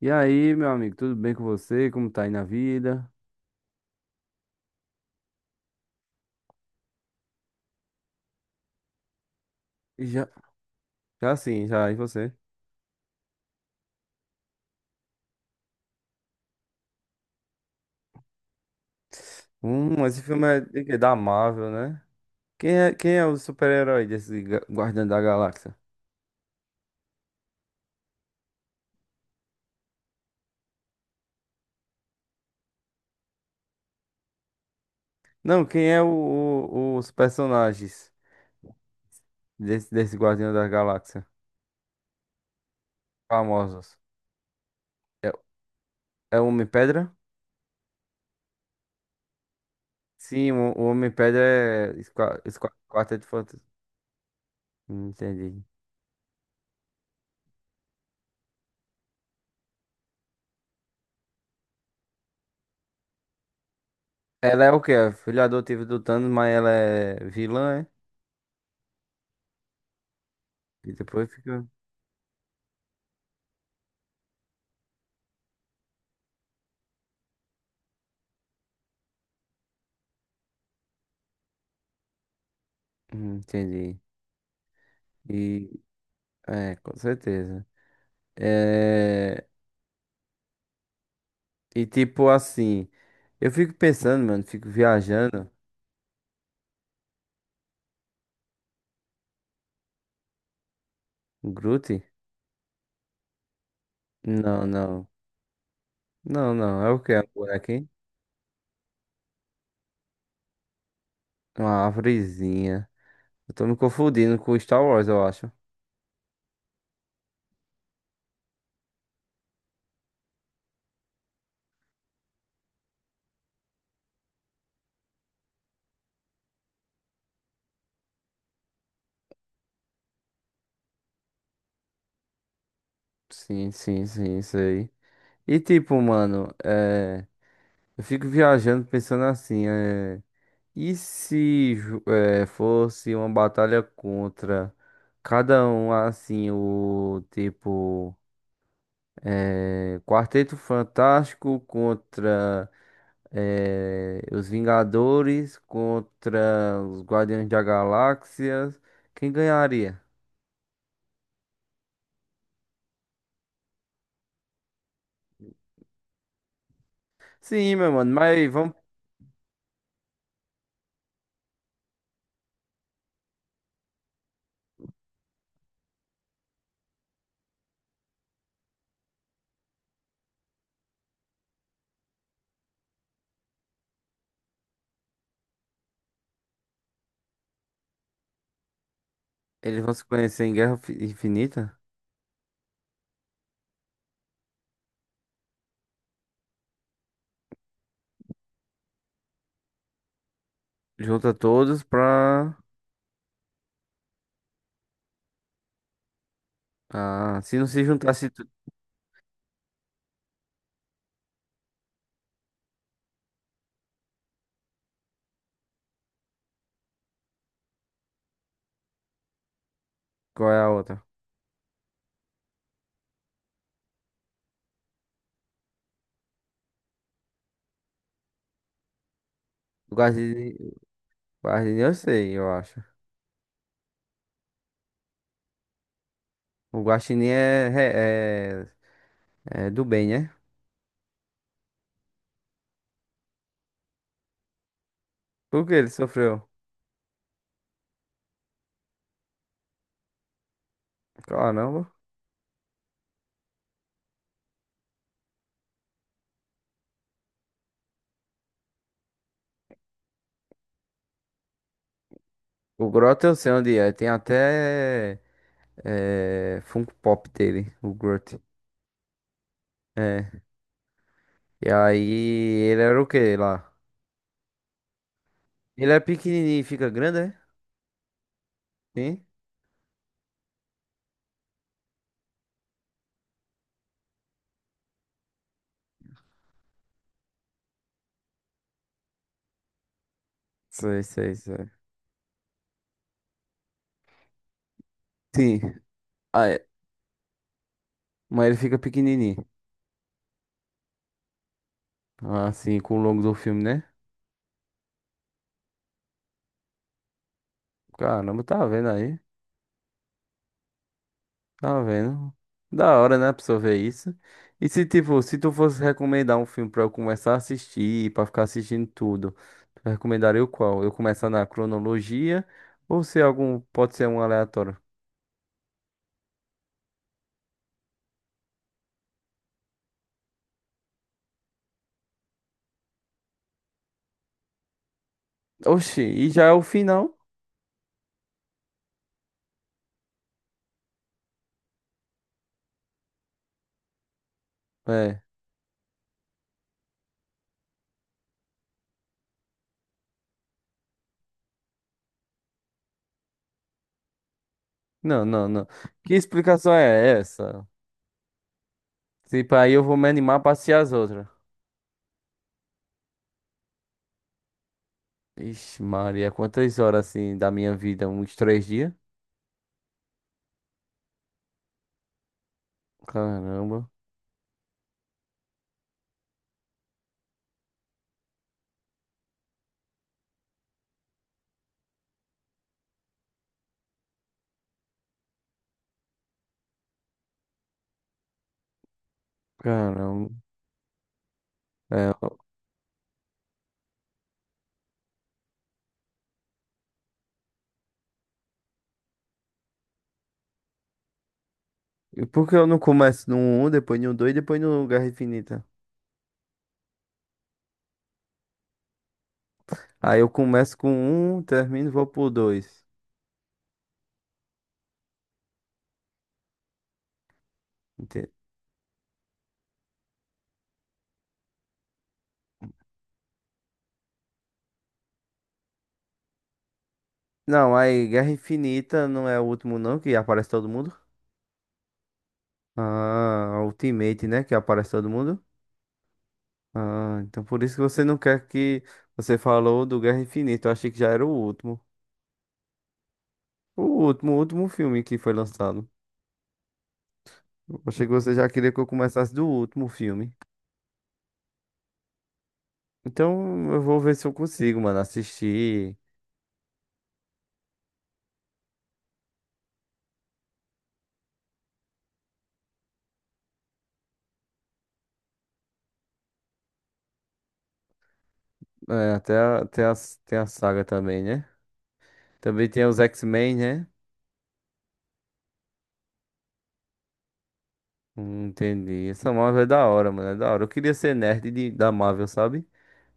E aí, meu amigo, tudo bem com você? Como tá aí na vida? E já, já sim, já, e você? Esse filme é de quê? Da Marvel, né? Quem é o super-herói desse Guardião da Galáxia? Não, quem é os personagens desse Guardião da Galáxia? Famosos. É, é o Homem-Pedra? Sim, o Homem-Pedra é Quarteto Fantástico. Entendi. Ela é o quê? É filha adotiva do Thanos, mas ela é vilã, é? E depois fica. Entendi. E com certeza. É, e tipo assim, eu fico pensando, mano, fico viajando. Um Groot? Não, não. Não, não. É o que? É um bonequinho? É uma árvorezinha. Eu tô me confundindo com Star Wars, eu acho. Sim, sim, sim, isso aí. E tipo, mano, eu fico viajando pensando assim, e se fosse uma batalha contra cada um assim, o tipo. É, Quarteto Fantástico contra os Vingadores, contra os Guardiões da Galáxia. Quem ganharia? Sim, meu mano, mas vamos. Eles vão se conhecer em Guerra Infinita? Junta todos pra. Ah, se não se juntasse. Qual é a outra? O Guardião, eu sei, eu acho. O Guaxinim é do bem, né? Por que ele sofreu? Caramba. O Grota eu sei onde é. Tem até. Funko Pop dele, o Groot. É. E aí, ele era o que lá? Ele é pequenininho e fica grande, é? Sim? Sei, sei, sei. Sim. Ah, é. Mas ele fica pequenininho. Assim, com o longo do filme, né? Caramba, tá vendo aí? Tá vendo? Da hora, né, pra pessoa ver isso. E se, tipo, se tu fosse recomendar um filme pra eu começar a assistir, pra ficar assistindo tudo, tu recomendaria o qual? Eu começar na cronologia ou se algum, pode ser um aleatório? Oxi, e já é o final? É. Não, não, não. Que explicação é essa? Tipo, aí eu vou me animar pra assistir as outras. Ixi, Maria, quantas horas assim da minha vida? Uns três dias? Caramba, caramba. É, ó. E por que eu não começo no um depois no 2, depois no Guerra Infinita? Aí eu começo com um, termino e vou pro 2. Ente- Não, aí Guerra Infinita não é o último não, que aparece todo mundo. Ah, Ultimate, né? Que aparece todo mundo. Ah, então por isso que você não quer que você falou do Guerra Infinita. Eu achei que já era o último. O último filme que foi lançado. Eu achei que você já queria que eu começasse do último filme. Então eu vou ver se eu consigo, mano, assistir. É, até, tem a saga também, né? Também tem os X-Men, né? Entendi. Essa Marvel é da hora, mano. É da hora. Eu queria ser nerd da Marvel, sabe?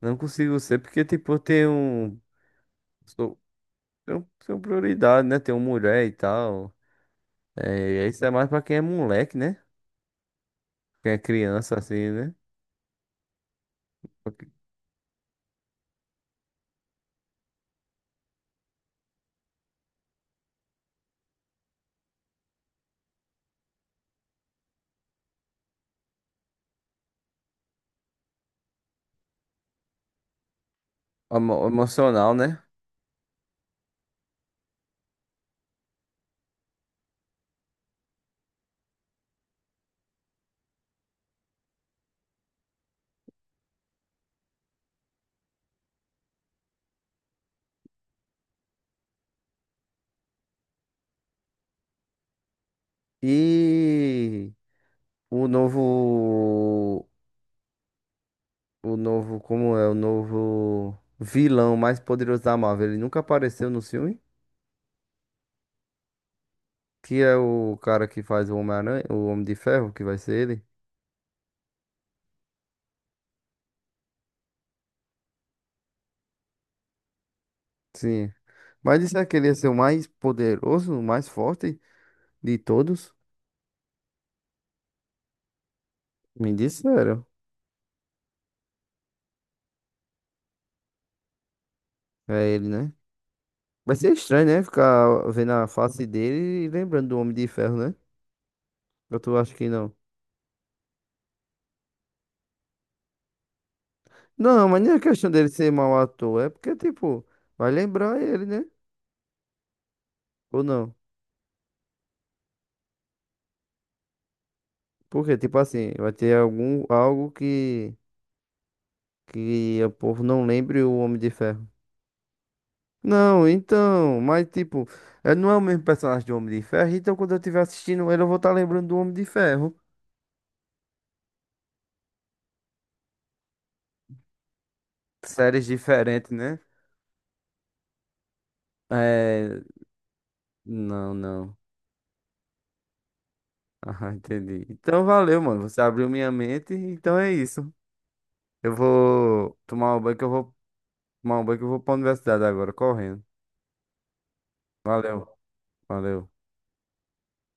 Não consigo ser, porque, tipo, eu tenho. Um, sou, tenho, prioridade, né? Tenho mulher e tal. É, isso é mais pra quem é moleque, né? Quem é criança, assim, né? Porque- Emocional, né? E o novo. O novo. Como é? O novo vilão mais poderoso da Marvel. Ele nunca apareceu no filme. Que é o cara que faz o Homem-Aranha, o Homem de Ferro, que vai ser ele. Sim. Mas disseram que ele ia ser o mais poderoso, o mais forte de todos. Me disseram. É ele, né? Vai ser estranho, né? Ficar vendo a face dele e lembrando do Homem de Ferro, né? Eu tô, acho que não. Não, mas nem é questão dele ser mau ator. É porque, tipo, vai lembrar ele, né? Ou não? Porque, tipo assim, vai ter algum, algo que o povo não lembre o Homem de Ferro. Não, então, mas, tipo, ele não é o mesmo personagem do Homem de Ferro. Então, quando eu estiver assistindo ele, eu vou estar lembrando do Homem de Ferro. Séries diferentes, né? É. Não, não. Ah, entendi. Então valeu, mano. Você abriu minha mente, então é isso. Eu vou tomar um banho que eu vou pra universidade agora, correndo. Valeu, valeu.